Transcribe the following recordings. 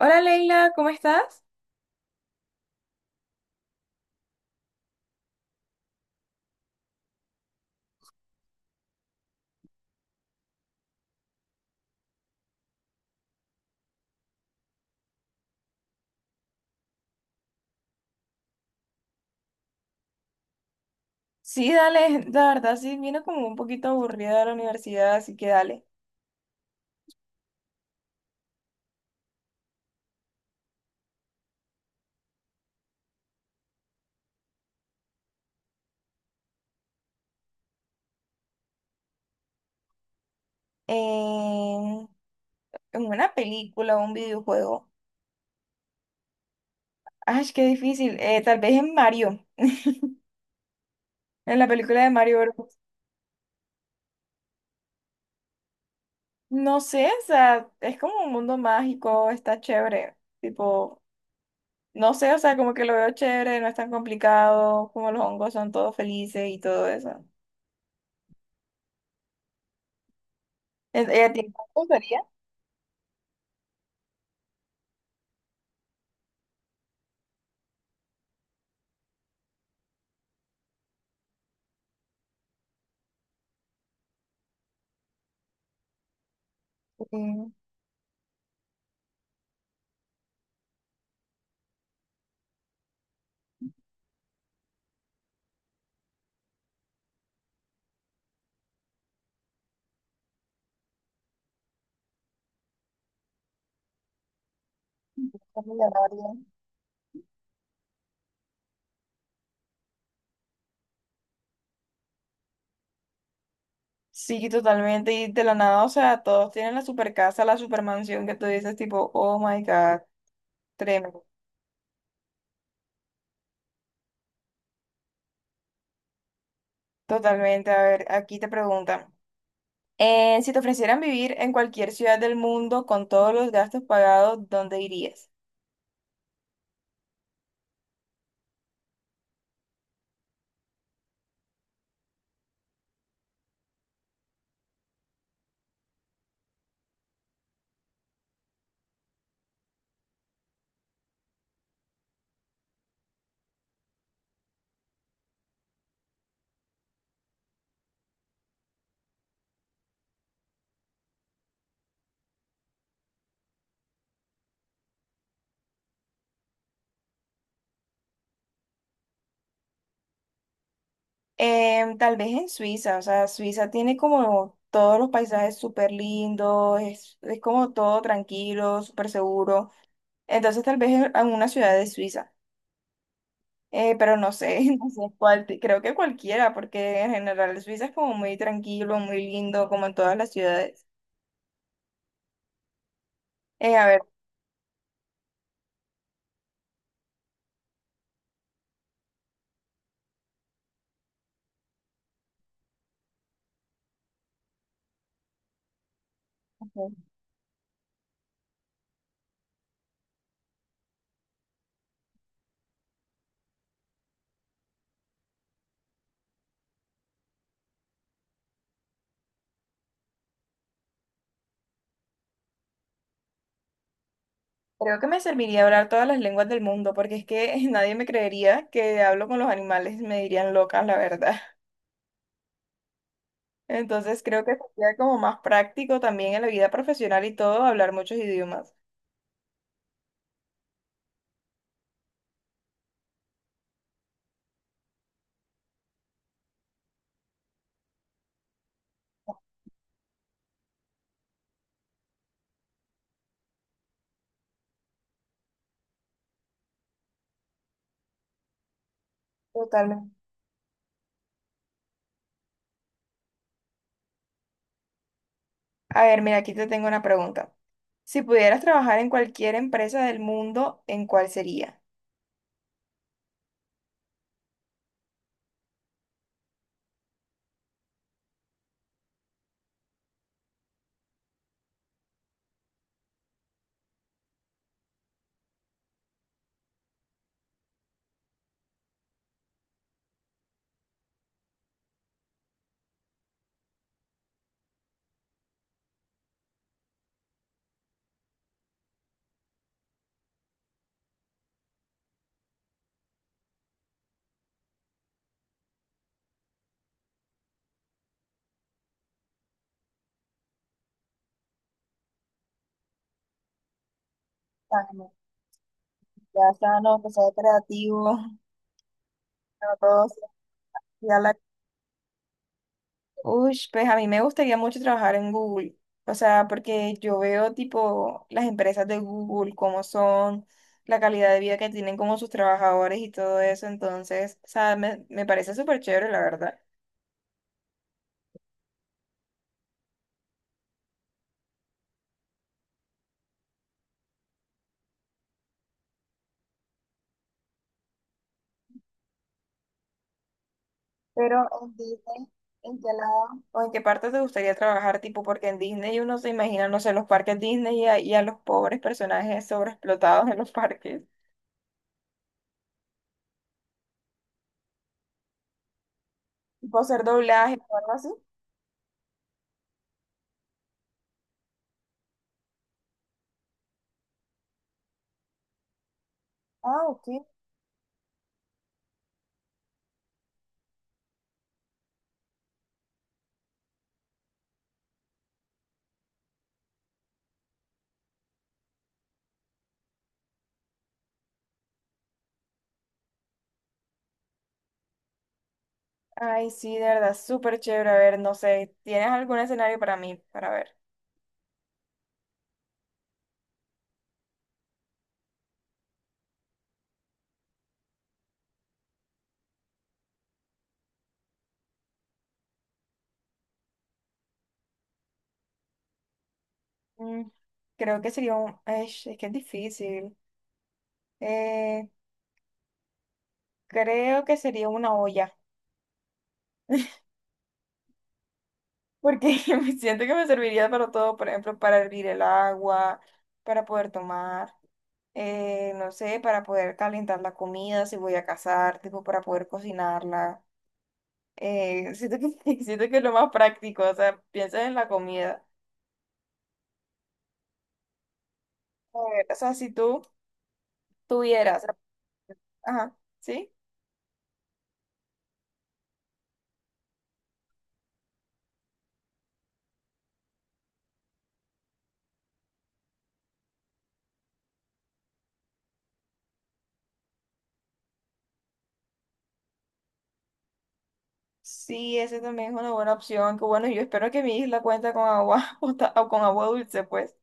Hola Leila, ¿cómo estás? Sí, dale, la verdad sí, vino como un poquito aburrida de la universidad, así que dale. En, en una película o un videojuego. Ay, qué difícil. Tal vez en Mario, en la película de Mario Bros. No sé, o sea, es como un mundo mágico, está chévere. Tipo, no sé, o sea, como que lo veo chévere, no es tan complicado, como los hongos son todos felices y todo eso. ¿E, ¿Ella tiene gustaría? Sí, es millonaria. Sí, totalmente. Y de la nada, o sea, todos tienen la super casa, la super mansión que tú dices, tipo, oh my God, tremendo. Totalmente. A ver, aquí te preguntan. Si te ofrecieran vivir en cualquier ciudad del mundo con todos los gastos pagados, ¿dónde irías? Tal vez en Suiza, o sea, Suiza tiene como todos los paisajes súper lindos, es como todo tranquilo, súper seguro. Entonces, tal vez en una ciudad de Suiza. Pero no sé, no sé cuál, creo que cualquiera, porque en general Suiza es como muy tranquilo, muy lindo, como en todas las ciudades. Eh, a ver, ujú, creo que me serviría hablar todas las lenguas del mundo, porque es que nadie me creería que hablo con los animales, me dirían loca, la verdad. Entonces creo que sería como más práctico también en la vida profesional y todo, hablar muchos idiomas. Totalmente. A ver, mira, aquí te tengo una pregunta. Si pudieras trabajar en cualquier empresa del mundo, ¿en cuál sería? Ya están los procesos creativos, a todos. Ya la... Uy, pues a mí me gustaría mucho trabajar en Google. O sea, porque yo veo tipo las empresas de Google, cómo son, la calidad de vida que tienen como sus trabajadores y todo eso. Entonces, o sea, me parece súper chévere, la verdad. Pero en Disney, ¿en qué lado o en qué parte te gustaría trabajar? Tipo, porque en Disney uno se imagina, no sé, los parques Disney y a los pobres personajes sobreexplotados en los parques. Tipo, hacer doblaje o algo así. Ah, ok. Ay, sí, de verdad, súper chévere. A ver, no sé, ¿tienes algún escenario para mí? Para ver. Mm, Creo que sería un... Ay, es que es difícil. Eh, Creo que sería una olla, porque me siento que me serviría para todo, por ejemplo, para hervir el agua, para poder tomar, no sé, para poder calentar la comida si voy a cazar, tipo, para poder cocinarla. Siento que, siento que es lo más práctico, o sea, piensas en la comida. A ver, o sea, si tú... tuvieras. Ajá, ¿sí? Sí, ese también es una buena opción. Que bueno, yo espero que mi isla cuente con agua pota- o con agua dulce, pues.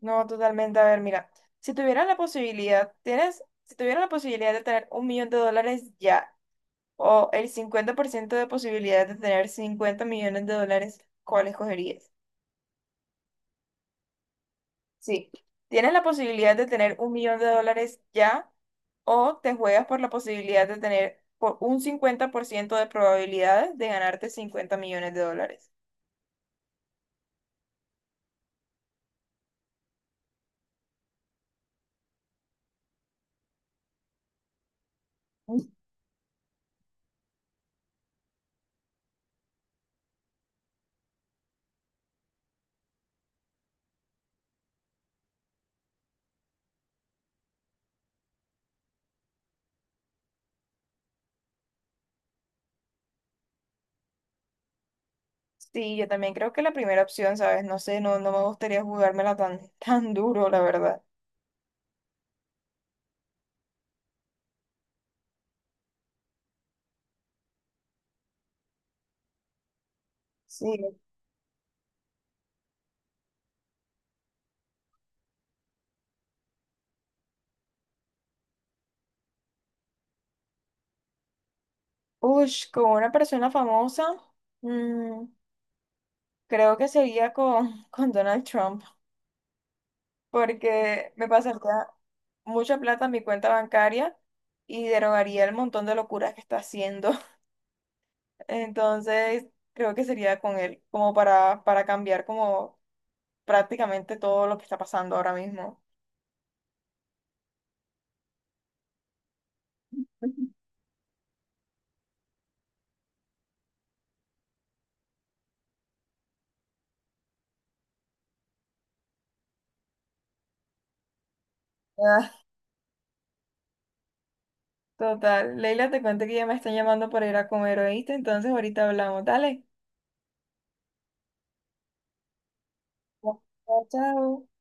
No, totalmente. A ver, mira, si tuvieras la posibilidad, tienes, si tuvieras la posibilidad de tener $1.000.000 ya, o el 50% de posibilidad de tener $50.000.000, ¿cuál escogerías? Sí, tienes la posibilidad de tener un millón de dólares ya o te juegas por la posibilidad de tener por un 50% de probabilidades de ganarte $50.000.000. Sí, yo también creo que la primera opción, ¿sabes? No sé, no, no me gustaría jugármela tan, tan duro, la verdad. Sí. Ush, con una persona famosa, mm, creo que sería con Donald Trump. Porque me pasaría mucha plata en mi cuenta bancaria y derogaría el montón de locuras que está haciendo. Entonces, creo que sería con él, como para cambiar como prácticamente todo lo que está pasando ahora mismo. Ujú. Ah, total. Leila, te cuento que ya me están llamando para ir a comer, ¿oíste? Entonces, ahorita hablamos. Dale. Ya, chao.